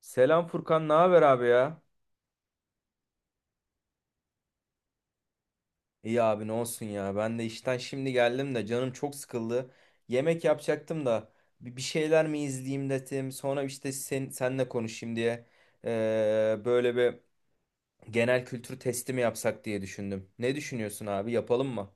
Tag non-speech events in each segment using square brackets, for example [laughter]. Selam Furkan, ne haber abi ya? İyi abi ne olsun ya. Ben de işten şimdi geldim de canım çok sıkıldı. Yemek yapacaktım da bir şeyler mi izleyeyim dedim. Sonra işte senle konuşayım diye böyle bir genel kültür testi mi yapsak diye düşündüm. Ne düşünüyorsun abi? Yapalım mı?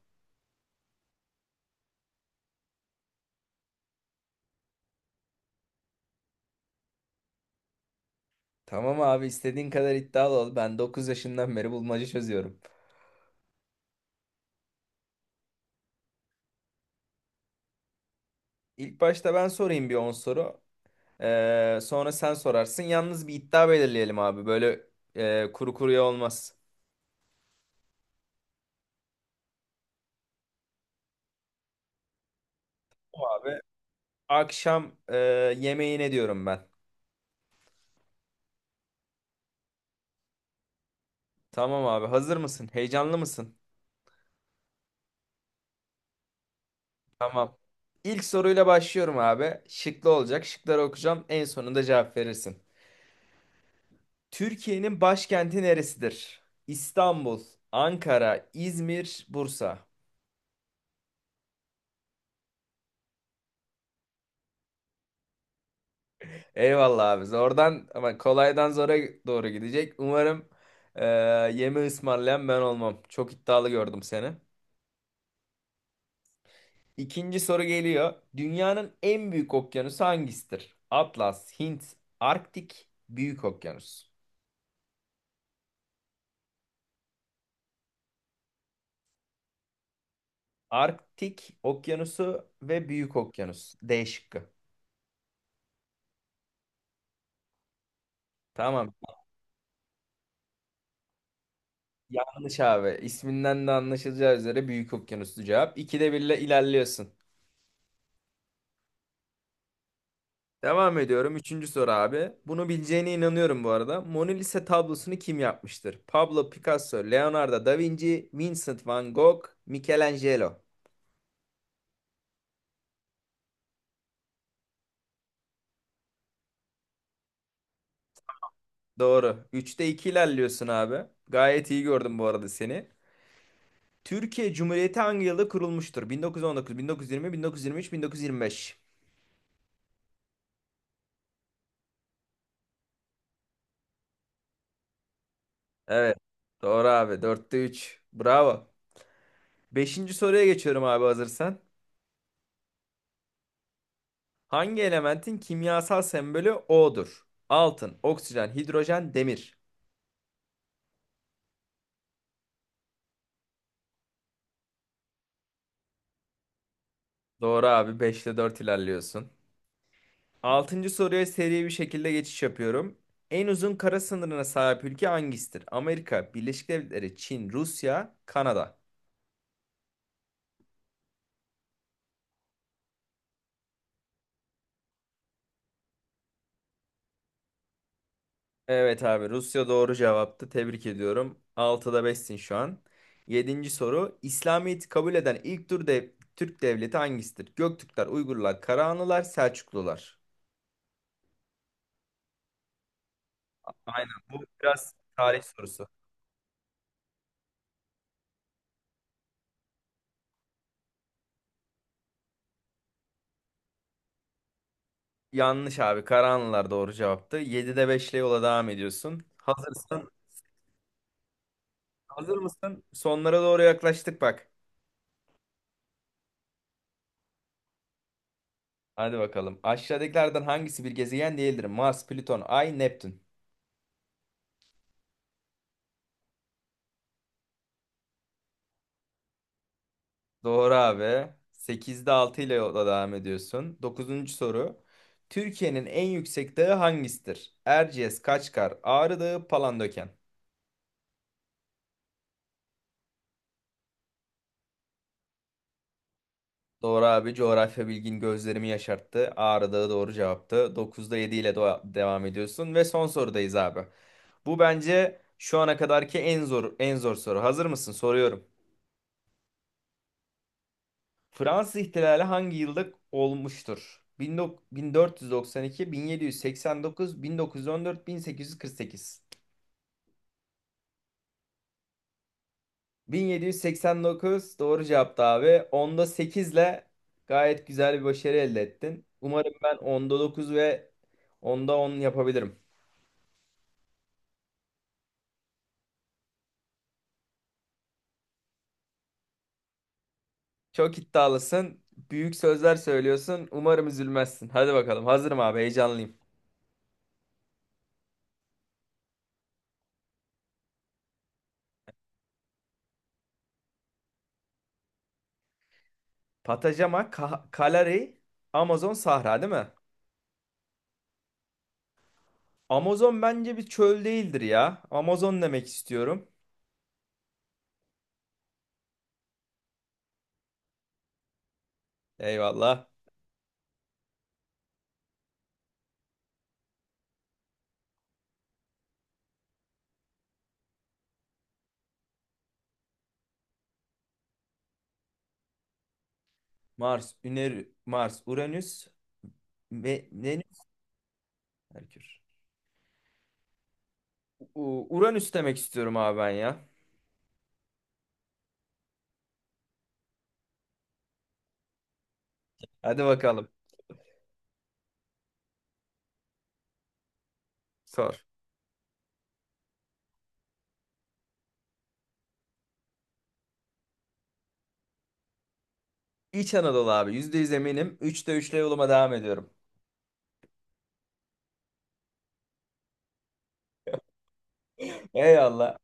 Tamam abi, istediğin kadar iddialı ol. Ben 9 yaşından beri bulmaca çözüyorum. İlk başta ben sorayım bir 10 soru. Sonra sen sorarsın. Yalnız bir iddia belirleyelim abi. Böyle kuru kuruya olmaz. Tamam abi. Akşam yemeğine diyorum ben. Tamam abi. Hazır mısın? Heyecanlı mısın? Tamam. İlk soruyla başlıyorum abi. Şıklı olacak. Şıkları okuyacağım. En sonunda cevap verirsin. Türkiye'nin başkenti neresidir? İstanbul, Ankara, İzmir, Bursa. Eyvallah abi. Zordan ama kolaydan zora doğru gidecek. Umarım e, yeme ısmarlayan ben olmam. Çok iddialı gördüm seni. İkinci soru geliyor. Dünyanın en büyük okyanusu hangisidir? Atlas, Hint, Arktik, Büyük Okyanus. Arktik Okyanusu ve Büyük Okyanus. D şıkkı. Tamam. Yanlış abi. İsminden de anlaşılacağı üzere Büyük Okyanus'lu cevap. İkide birle ilerliyorsun. Devam ediyorum. Üçüncü soru abi. Bunu bileceğine inanıyorum bu arada. Mona Lisa tablosunu kim yapmıştır? Pablo Picasso, Leonardo da Vinci, Vincent van Gogh, Michelangelo. Doğru. Üçte 2 ilerliyorsun abi. Gayet iyi gördüm bu arada seni. Türkiye Cumhuriyeti hangi yılda kurulmuştur? 1919, 1920, 1923, 1925. Evet. Doğru abi. Dörtte 3. Bravo. Beşinci soruya geçiyorum abi, hazırsan. Hangi elementin kimyasal sembolü O'dur? Altın, oksijen, hidrojen, demir. Doğru abi. Beşte 4 ilerliyorsun. Altıncı soruya seri bir şekilde geçiş yapıyorum. En uzun kara sınırına sahip ülke hangisidir? Amerika, Birleşik Devletleri, Çin, Rusya, Kanada. Evet abi, Rusya doğru cevaptı. Tebrik ediyorum. Altıda 5'sin şu an. Yedinci soru. İslamiyet'i kabul eden ilk Türk devleti hangisidir? Göktürkler, Uygurlar, Karahanlılar, Selçuklular. Aynen, bu biraz tarih sorusu. Yanlış abi, Karahanlılar doğru cevaptı. 7'de beşle yola devam ediyorsun. Hazırsın. Hazır mısın? Sonlara doğru yaklaştık bak. Hadi bakalım. Aşağıdakilerden hangisi bir gezegen değildir? Mars, Plüton, Ay, Neptün. Doğru abi. Sekizde 6 ile yola devam ediyorsun. Dokuzuncu soru. Türkiye'nin en yüksek dağı hangisidir? Erciyes, Kaçkar, Ağrı Dağı, Palandöken. Doğru abi. Coğrafya bilgin gözlerimi yaşarttı. Ağrı Dağı doğru cevaptı. Dokuzda 7 ile devam ediyorsun. Ve son sorudayız abi. Bu bence şu ana kadarki en zor en zor soru. Hazır mısın? Soruyorum. Fransız ihtilali hangi yılda olmuştur? 1492, 1789, 1914, 1848. 1789 doğru cevaptı abi. Onda 8 ile gayet güzel bir başarı elde ettin. Umarım ben onda 9 ve onda 10 yapabilirim. Çok iddialısın. Büyük sözler söylüyorsun. Umarım üzülmezsin. Hadi bakalım. Hazırım abi. Heyecanlıyım. Patajama, Kalari, Amazon, Sahra değil mi? Amazon bence bir çöl değildir ya. Amazon demek istiyorum. Eyvallah. Mars, Uranüs, Venüs, Merkür. Uranüs demek istiyorum abi ben ya. Hadi bakalım. Sor. İç Anadolu abi. %100 eminim. Üçte üçle yoluma devam ediyorum. [laughs] Eyvallah.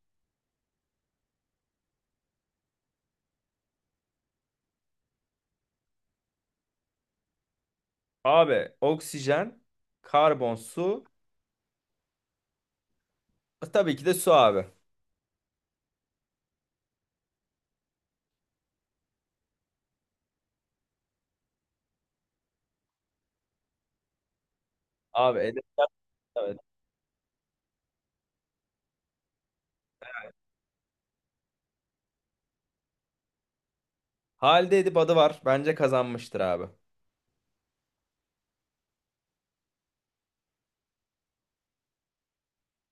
Abi oksijen, karbon, su. Tabii ki de su abi. Abi edebiyat. Evet. Halide Edip adı var. Bence kazanmıştır abi.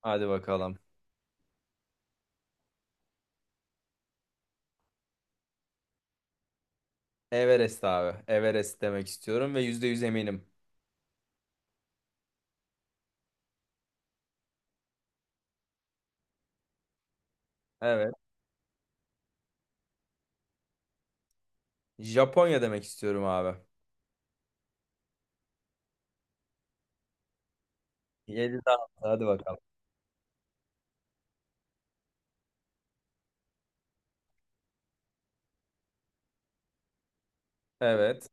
Hadi bakalım. Everest abi. Everest demek istiyorum ve %100 eminim. Evet. Japonya demek istiyorum abi. 7 daha. Hadi bakalım. Evet.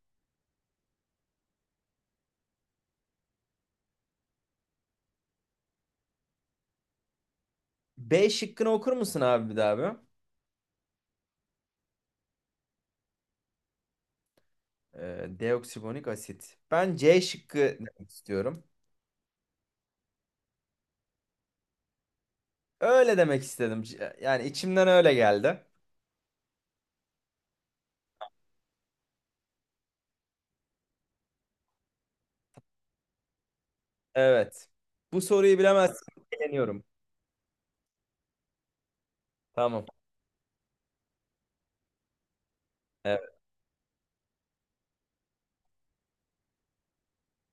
B şıkkını okur musun abi bir daha abi? Deoksiribonik asit. Ben C şıkkı demek istiyorum. Öyle demek istedim. Yani içimden öyle geldi. Evet. Bu soruyu bilemezsem eleniyorum. Tamam. Evet.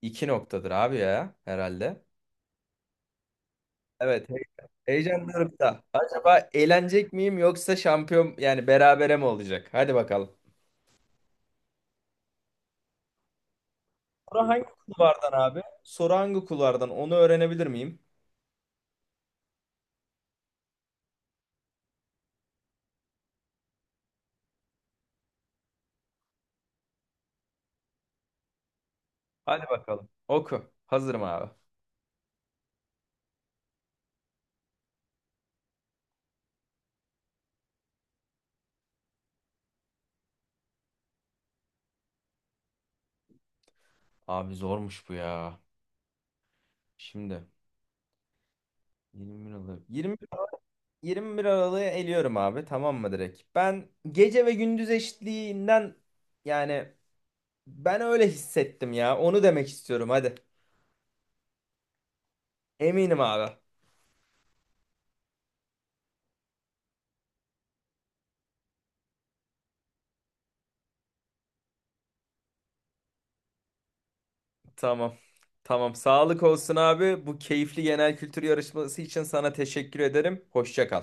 İki noktadır abi ya, herhalde. Evet, heyecanlanıp da. Acaba eğlenecek miyim, yoksa şampiyon yani berabere mi olacak? Hadi bakalım. Soru hangi kulvardan abi? Soru hangi kulvardan? Onu öğrenebilir miyim? Hadi bakalım. Oku. Hazırım abi. Abi zormuş bu ya. Şimdi 21 Aralık. 21 Aralık'ı eliyorum abi. Tamam mı, direkt? Ben gece ve gündüz eşitliğinden, yani ben öyle hissettim ya. Onu demek istiyorum, hadi. Eminim abi. Tamam. Tamam. Sağlık olsun abi. Bu keyifli genel kültür yarışması için sana teşekkür ederim. Hoşça kal.